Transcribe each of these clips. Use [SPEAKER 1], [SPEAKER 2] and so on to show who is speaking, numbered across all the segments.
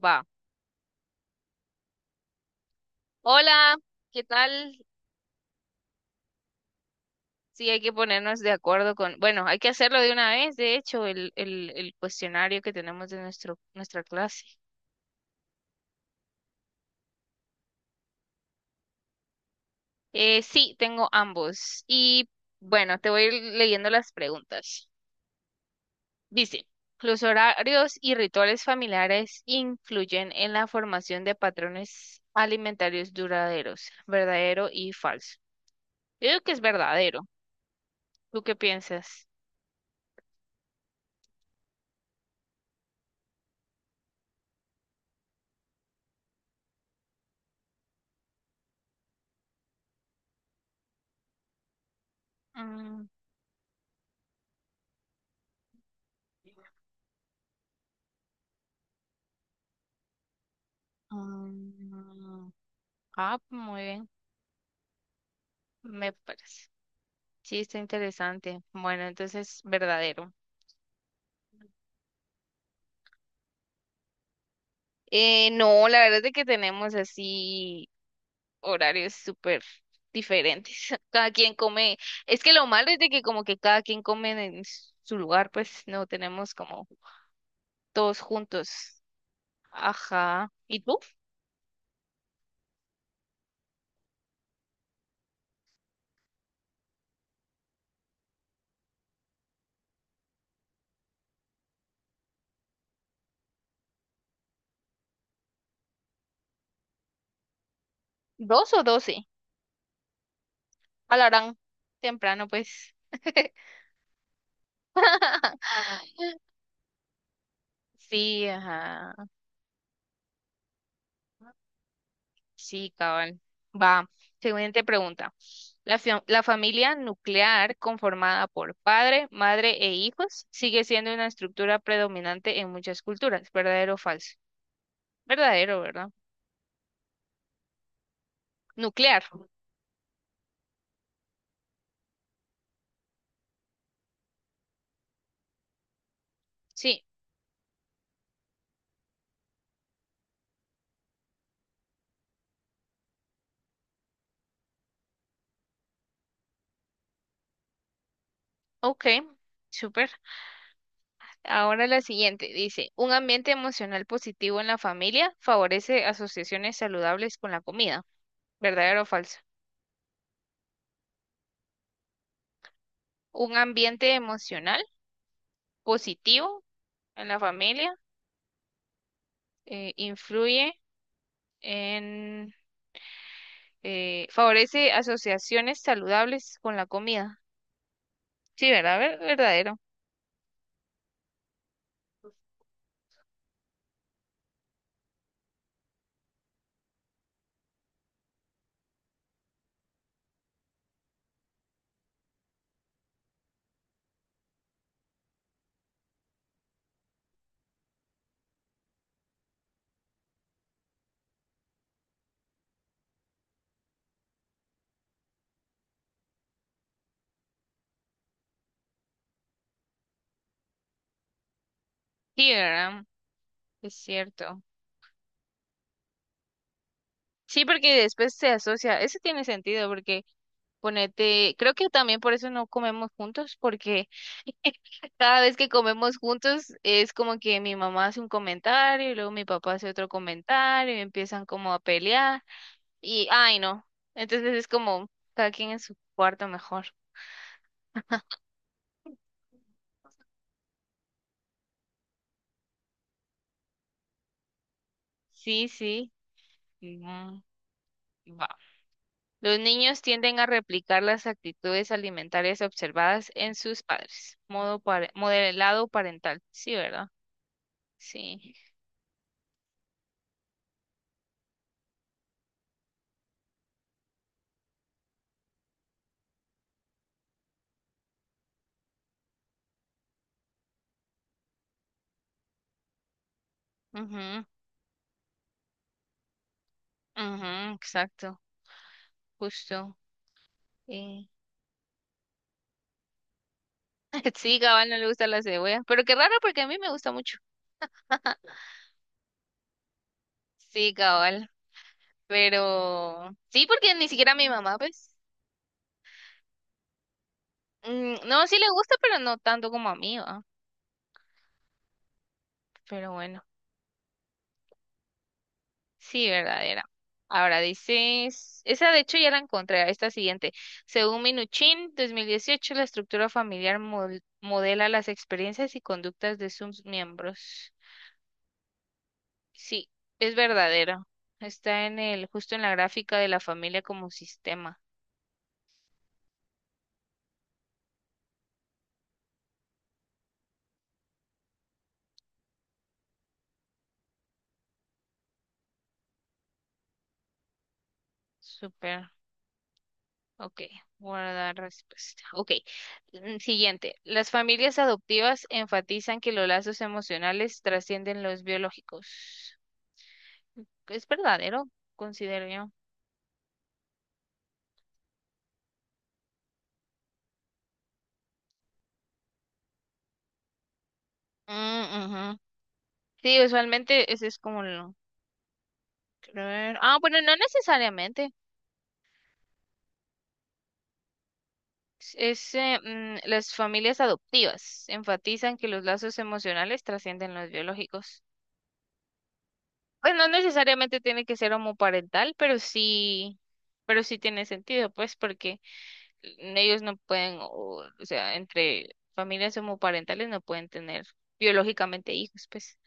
[SPEAKER 1] Va. Hola, ¿qué tal? Sí, hay que ponernos de acuerdo con, bueno, hay que hacerlo de una vez, de hecho, el cuestionario que tenemos de nuestra clase. Sí, tengo ambos. Y bueno, te voy leyendo las preguntas. Dice, ¿los horarios y rituales familiares influyen en la formación de patrones alimentarios duraderos? ¿Verdadero y falso? Yo digo que es verdadero. ¿Tú qué piensas? Mm. Mm. Ah, muy bien. Me parece. Sí, está interesante. Bueno, entonces, verdadero. No, la verdad es de que tenemos así horarios súper diferentes. Cada quien come. Es que lo malo es de que como que cada quien come en su lugar, pues no tenemos como todos juntos. Ajá. ¿Y tú? ¿Dos o doce? Alarán. Temprano, pues. Sí, ajá. Sí, cabal. Va. Siguiente pregunta. La familia nuclear conformada por padre, madre e hijos sigue siendo una estructura predominante en muchas culturas. ¿Verdadero o falso? Verdadero, ¿verdad? Nuclear. Sí. Ok. Súper. Ahora la siguiente. Dice, un ambiente emocional positivo en la familia favorece asociaciones saludables con la comida. ¿Verdadero o falso? Un ambiente emocional positivo en la familia influye en favorece asociaciones saludables con la comida. Sí, ¿verdad? Verdadero. Sí, ¿verdad? Es cierto. Sí, porque después se asocia. Eso tiene sentido porque ponete, creo que también por eso no comemos juntos, porque cada vez que comemos juntos es como que mi mamá hace un comentario y luego mi papá hace otro comentario y empiezan como a pelear y, ay, no. Entonces es como cada quien en su cuarto mejor. Sí, sí. Mm, Va. Los niños tienden a replicar las actitudes alimentarias observadas en sus padres. Modelado parental. Sí, ¿verdad? Sí. Ujú, ujú, exacto. Justo. Eh, Sí, cabal, no le gusta la cebolla. Pero qué raro porque a mí me gusta mucho. Sí, cabal. Pero sí, porque ni siquiera a mi mamá, pues. No, sí le gusta, pero no tanto como a mí, ¿va? Pero bueno. Sí, verdadera. Ahora dices, esa de hecho ya la encontré, esta siguiente. Según Minuchin, 2018, la estructura familiar modela las experiencias y conductas de sus miembros. Sí, es verdadero. Está en el, justo en la gráfica de la familia como sistema. Súper. Ok, guardar respuesta. Ok, siguiente. Las familias adoptivas enfatizan que los lazos emocionales trascienden los biológicos. Es verdadero, considero yo. Mm, ujú. Sí, usualmente ese es como lo... Ah, bueno, no necesariamente. Es, las familias adoptivas enfatizan que los lazos emocionales trascienden los biológicos. Pues no necesariamente tiene que ser homoparental, pero sí tiene sentido, pues, porque ellos no pueden, o sea, entre familias homoparentales no pueden tener biológicamente hijos, pues.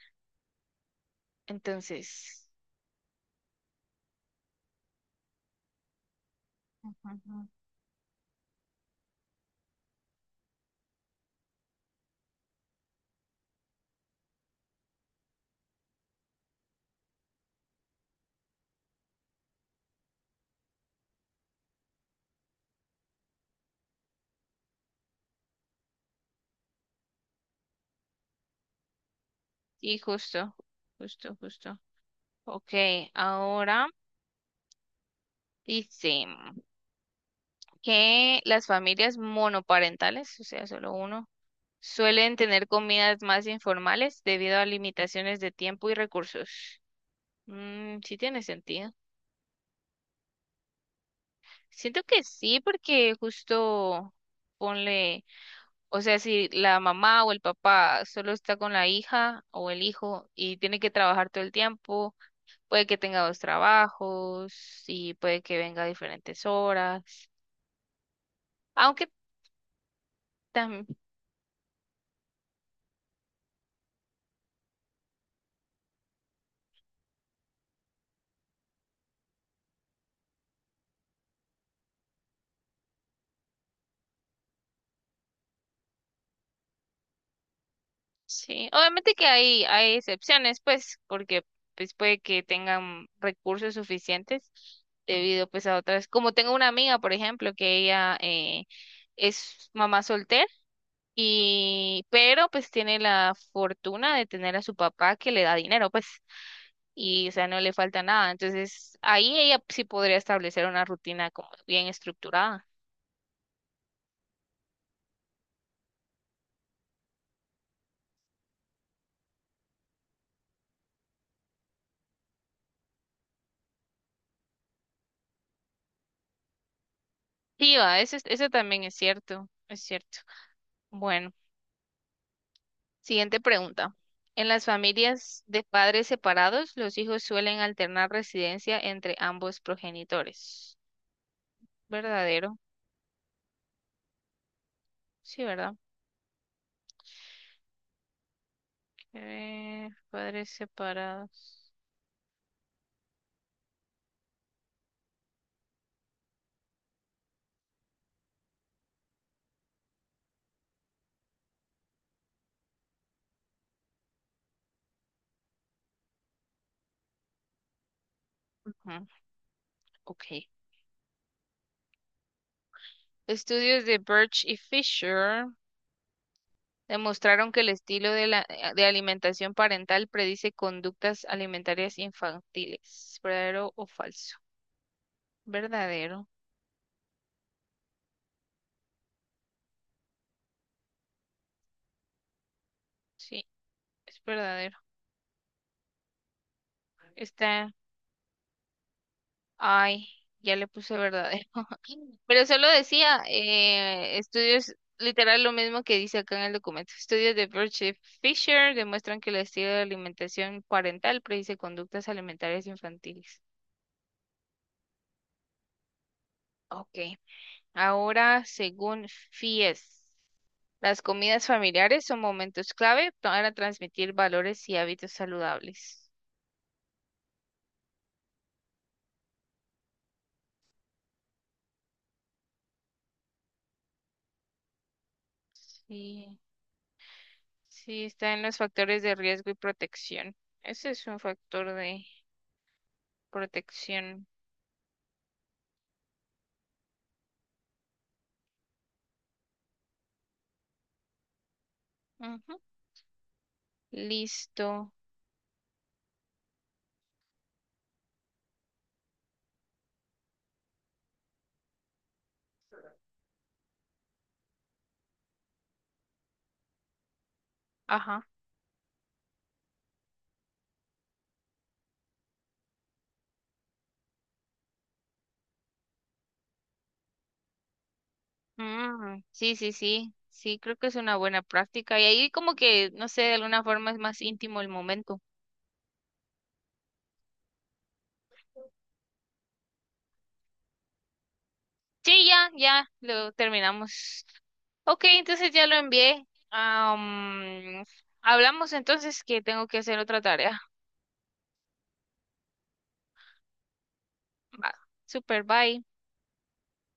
[SPEAKER 1] Entonces, ujú, ujú. Sí, justo, justo, justo. Ok, ahora dice que las familias monoparentales, o sea, solo uno, suelen tener comidas más informales debido a limitaciones de tiempo y recursos. Mm, sí tiene sentido. Siento que sí, porque justo ponle, o sea, si la mamá o el papá solo está con la hija o el hijo y tiene que trabajar todo el tiempo, puede que tenga dos trabajos y puede que venga a diferentes horas. Aunque también sí, obviamente que hay excepciones, pues, porque pues puede que tengan recursos suficientes debido pues a otras, como tengo una amiga, por ejemplo, que ella es mamá soltera y, pero pues tiene la fortuna de tener a su papá que le da dinero, pues, y o sea, no le falta nada. Entonces, ahí ella sí podría establecer una rutina como bien estructurada. Sí, va, eso, eso también es cierto, es cierto. Bueno. Siguiente pregunta. En las familias de padres separados, los hijos suelen alternar residencia entre ambos progenitores. ¿Verdadero? Sí, ¿verdad? Padres separados. Ujú. Ok. Estudios de Birch y Fisher demostraron que el estilo de, de alimentación parental predice conductas alimentarias infantiles. ¿Verdadero o falso? Verdadero. Sí, es verdadero. Está ay, ya le puse verdadero. Pero solo decía estudios, literal lo mismo que dice acá en el documento. Estudios de Birch Fisher demuestran que el estilo de alimentación parental predice conductas alimentarias infantiles. Ok, ahora según FIES, las comidas familiares son momentos clave para transmitir valores y hábitos saludables. Sí, sí, está en los factores de riesgo y protección. Ese es un factor de protección. Ujú. Listo. Ajá. Mm, sí, sí, sí. Sí, creo que es una buena práctica. Y ahí como que, no sé, de alguna forma es más íntimo el momento. Sí, ya, ya, lo terminamos. Ok, entonces ya lo envié. Am, hablamos entonces que tengo que hacer otra tarea. Va. Super, bye.